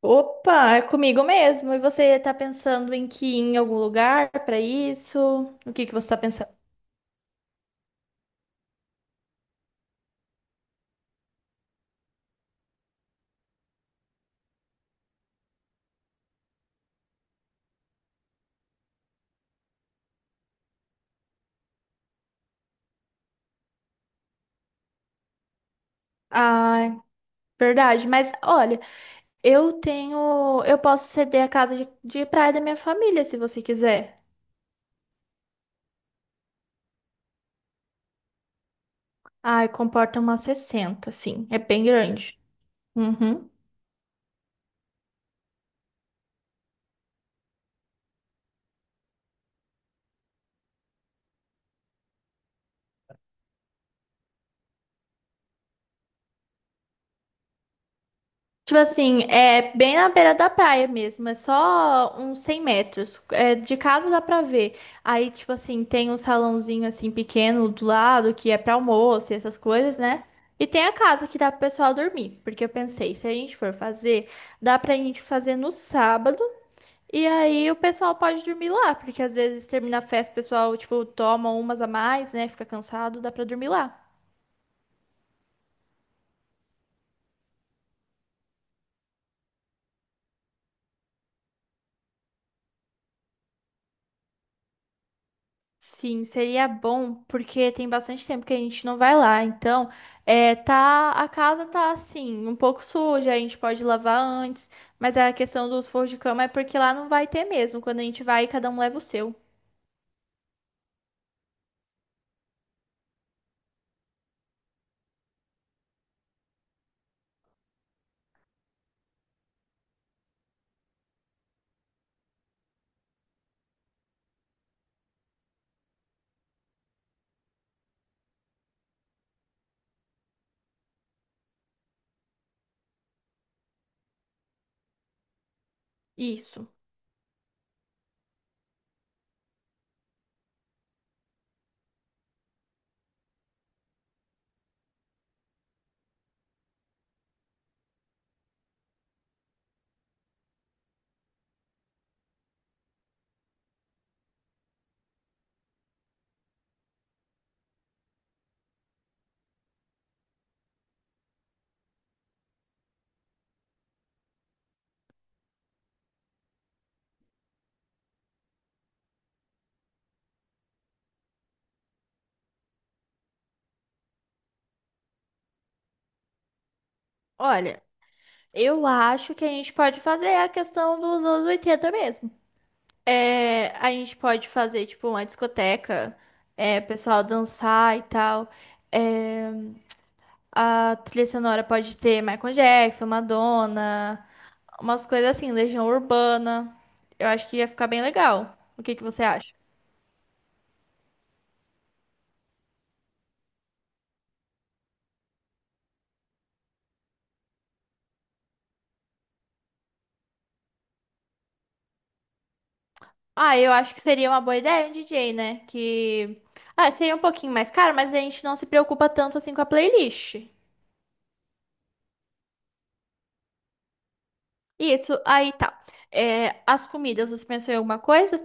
Opa, é comigo mesmo. E você tá pensando em que ir em algum lugar pra isso? O que que você tá pensando? Ah, verdade. Mas olha, eu posso ceder a casa de praia da minha família, se você quiser. Ai, comporta umas 60, assim. É bem grande. Uhum. Tipo assim, é bem na beira da praia mesmo, é só uns 100 metros. É, de casa dá pra ver. Aí, tipo assim, tem um salãozinho assim pequeno do lado que é pra almoço e essas coisas, né? E tem a casa que dá pro pessoal dormir. Porque eu pensei, se a gente for fazer, dá pra gente fazer no sábado. E aí o pessoal pode dormir lá, porque às vezes termina a festa, o pessoal, tipo, toma umas a mais, né? Fica cansado, dá pra dormir lá. Sim, seria bom, porque tem bastante tempo que a gente não vai lá. Então, tá, a casa tá assim, um pouco suja, a gente pode lavar antes, mas a questão dos forros de cama é porque lá não vai ter mesmo. Quando a gente vai, cada um leva o seu. Isso. Olha, eu acho que a gente pode fazer a questão dos anos 80 mesmo. A gente pode fazer, tipo, uma discoteca, pessoal dançar e tal. A trilha sonora pode ter Michael Jackson, Madonna, umas coisas assim, Legião Urbana. Eu acho que ia ficar bem legal. O que que você acha? Ah, eu acho que seria uma boa ideia um DJ, né? Que. Ah, seria um pouquinho mais caro, mas a gente não se preocupa tanto assim com a playlist. Isso, aí tá. É, as comidas, você pensou em alguma coisa?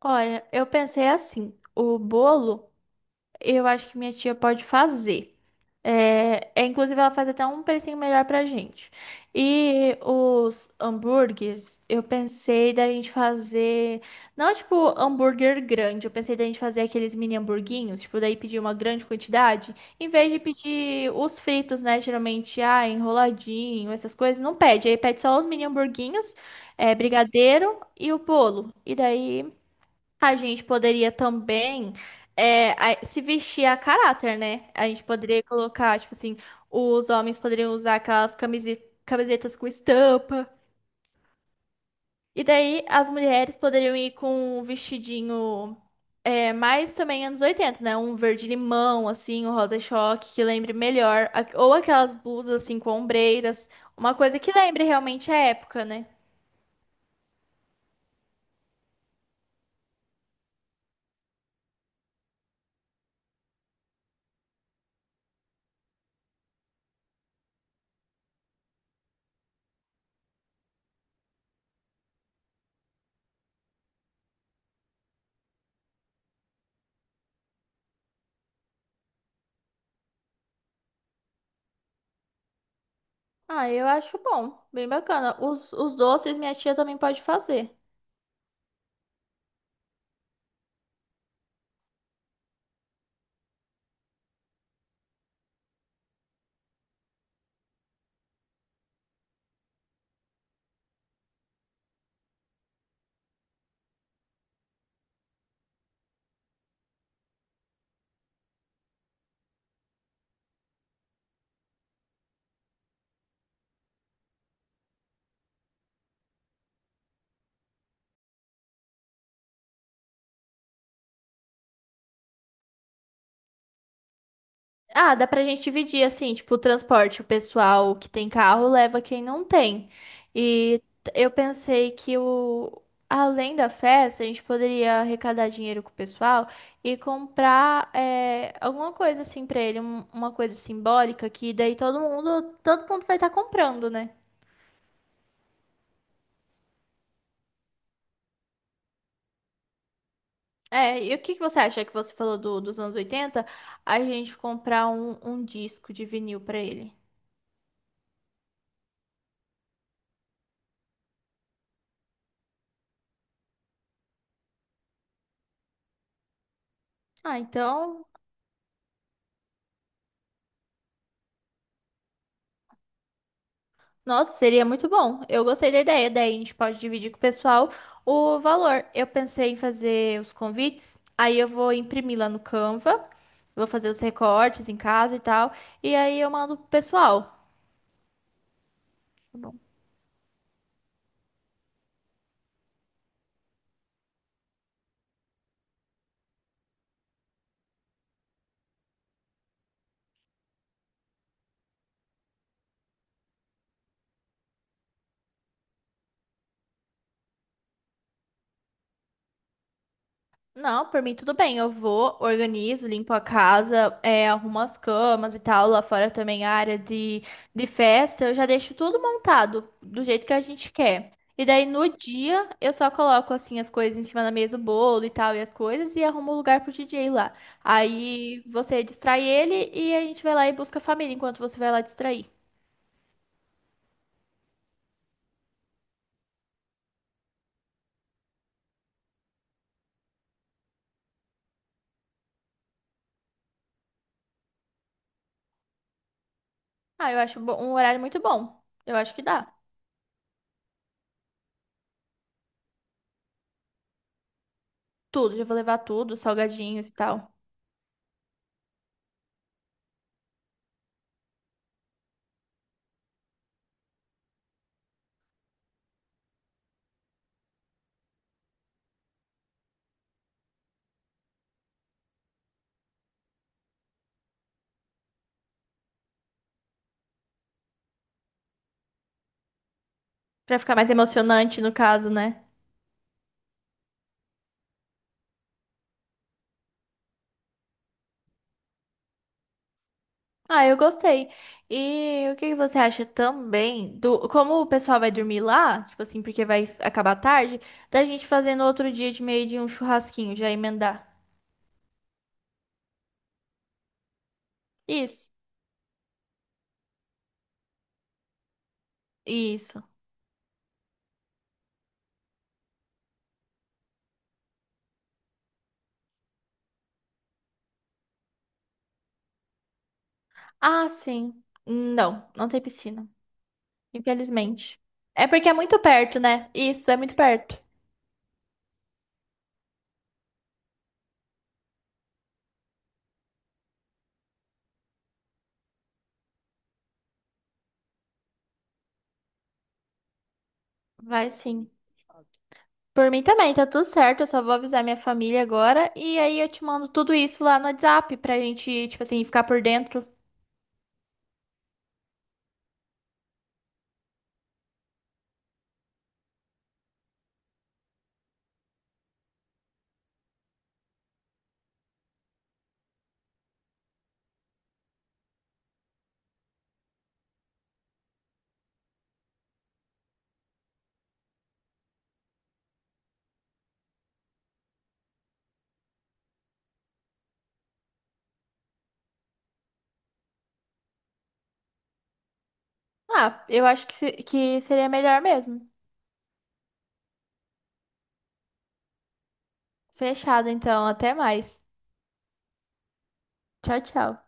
Olha, eu pensei assim: o bolo. Eu acho que minha tia pode fazer. Inclusive, ela faz até um precinho melhor pra gente. E os hambúrgueres, eu pensei da gente fazer. Não tipo hambúrguer grande, eu pensei da gente fazer aqueles mini hamburguinhos, tipo, daí pedir uma grande quantidade. Em vez de pedir os fritos, né? Geralmente, ah, enroladinho, essas coisas, não pede. Aí pede só os mini hamburguinhos, brigadeiro e o bolo. E daí. A gente poderia também se vestir a caráter, né? A gente poderia colocar, tipo assim, os homens poderiam usar aquelas camisetas com estampa. E daí as mulheres poderiam ir com um vestidinho, mais também anos 80, né? Um verde limão, assim, um rosa choque, que lembre melhor. Ou aquelas blusas, assim, com ombreiras. Uma coisa que lembre realmente a época, né? Ah, eu acho bom, bem bacana. Os doces minha tia também pode fazer. Ah, dá pra gente dividir assim, tipo, o transporte, o pessoal que tem carro leva quem não tem. E eu pensei que o além da festa, a gente poderia arrecadar dinheiro com o pessoal e comprar alguma coisa assim pra ele, uma coisa simbólica que daí todo mundo vai estar comprando, né? É, e o que que você acha que você falou dos anos 80, a gente comprar um disco de vinil pra ele. Ah, então. Nossa, seria muito bom. Eu gostei da ideia. Daí a gente pode dividir com o pessoal o valor. Eu pensei em fazer os convites, aí eu vou imprimir lá no Canva, vou fazer os recortes em casa e tal, e aí eu mando pro pessoal. Não, por mim tudo bem. Eu vou, organizo, limpo a casa, arrumo as camas e tal. Lá fora também a área de festa. Eu já deixo tudo montado do jeito que a gente quer. E daí no dia eu só coloco assim as coisas em cima da mesa, o bolo e tal, e as coisas, e arrumo o lugar pro DJ lá. Aí você distrai ele e a gente vai lá e busca a família enquanto você vai lá distrair. Ah, eu acho um horário muito bom. Eu acho que dá. Tudo, já vou levar tudo, salgadinhos e tal. Pra ficar mais emocionante no caso, né? Ah, eu gostei. E o que que você acha também do como o pessoal vai dormir lá, tipo assim, porque vai acabar tarde, da gente fazer no outro dia de meio de um churrasquinho, já emendar. Isso. Isso. Ah, sim. Não, não tem piscina, infelizmente. É porque é muito perto, né? Isso, é muito perto. Vai sim. Por mim também, tá tudo certo. Eu só vou avisar minha família agora e aí eu te mando tudo isso lá no WhatsApp pra gente, tipo assim, ficar por dentro. Ah, eu acho que, que seria melhor mesmo. Fechado, então. Até mais. Tchau, tchau.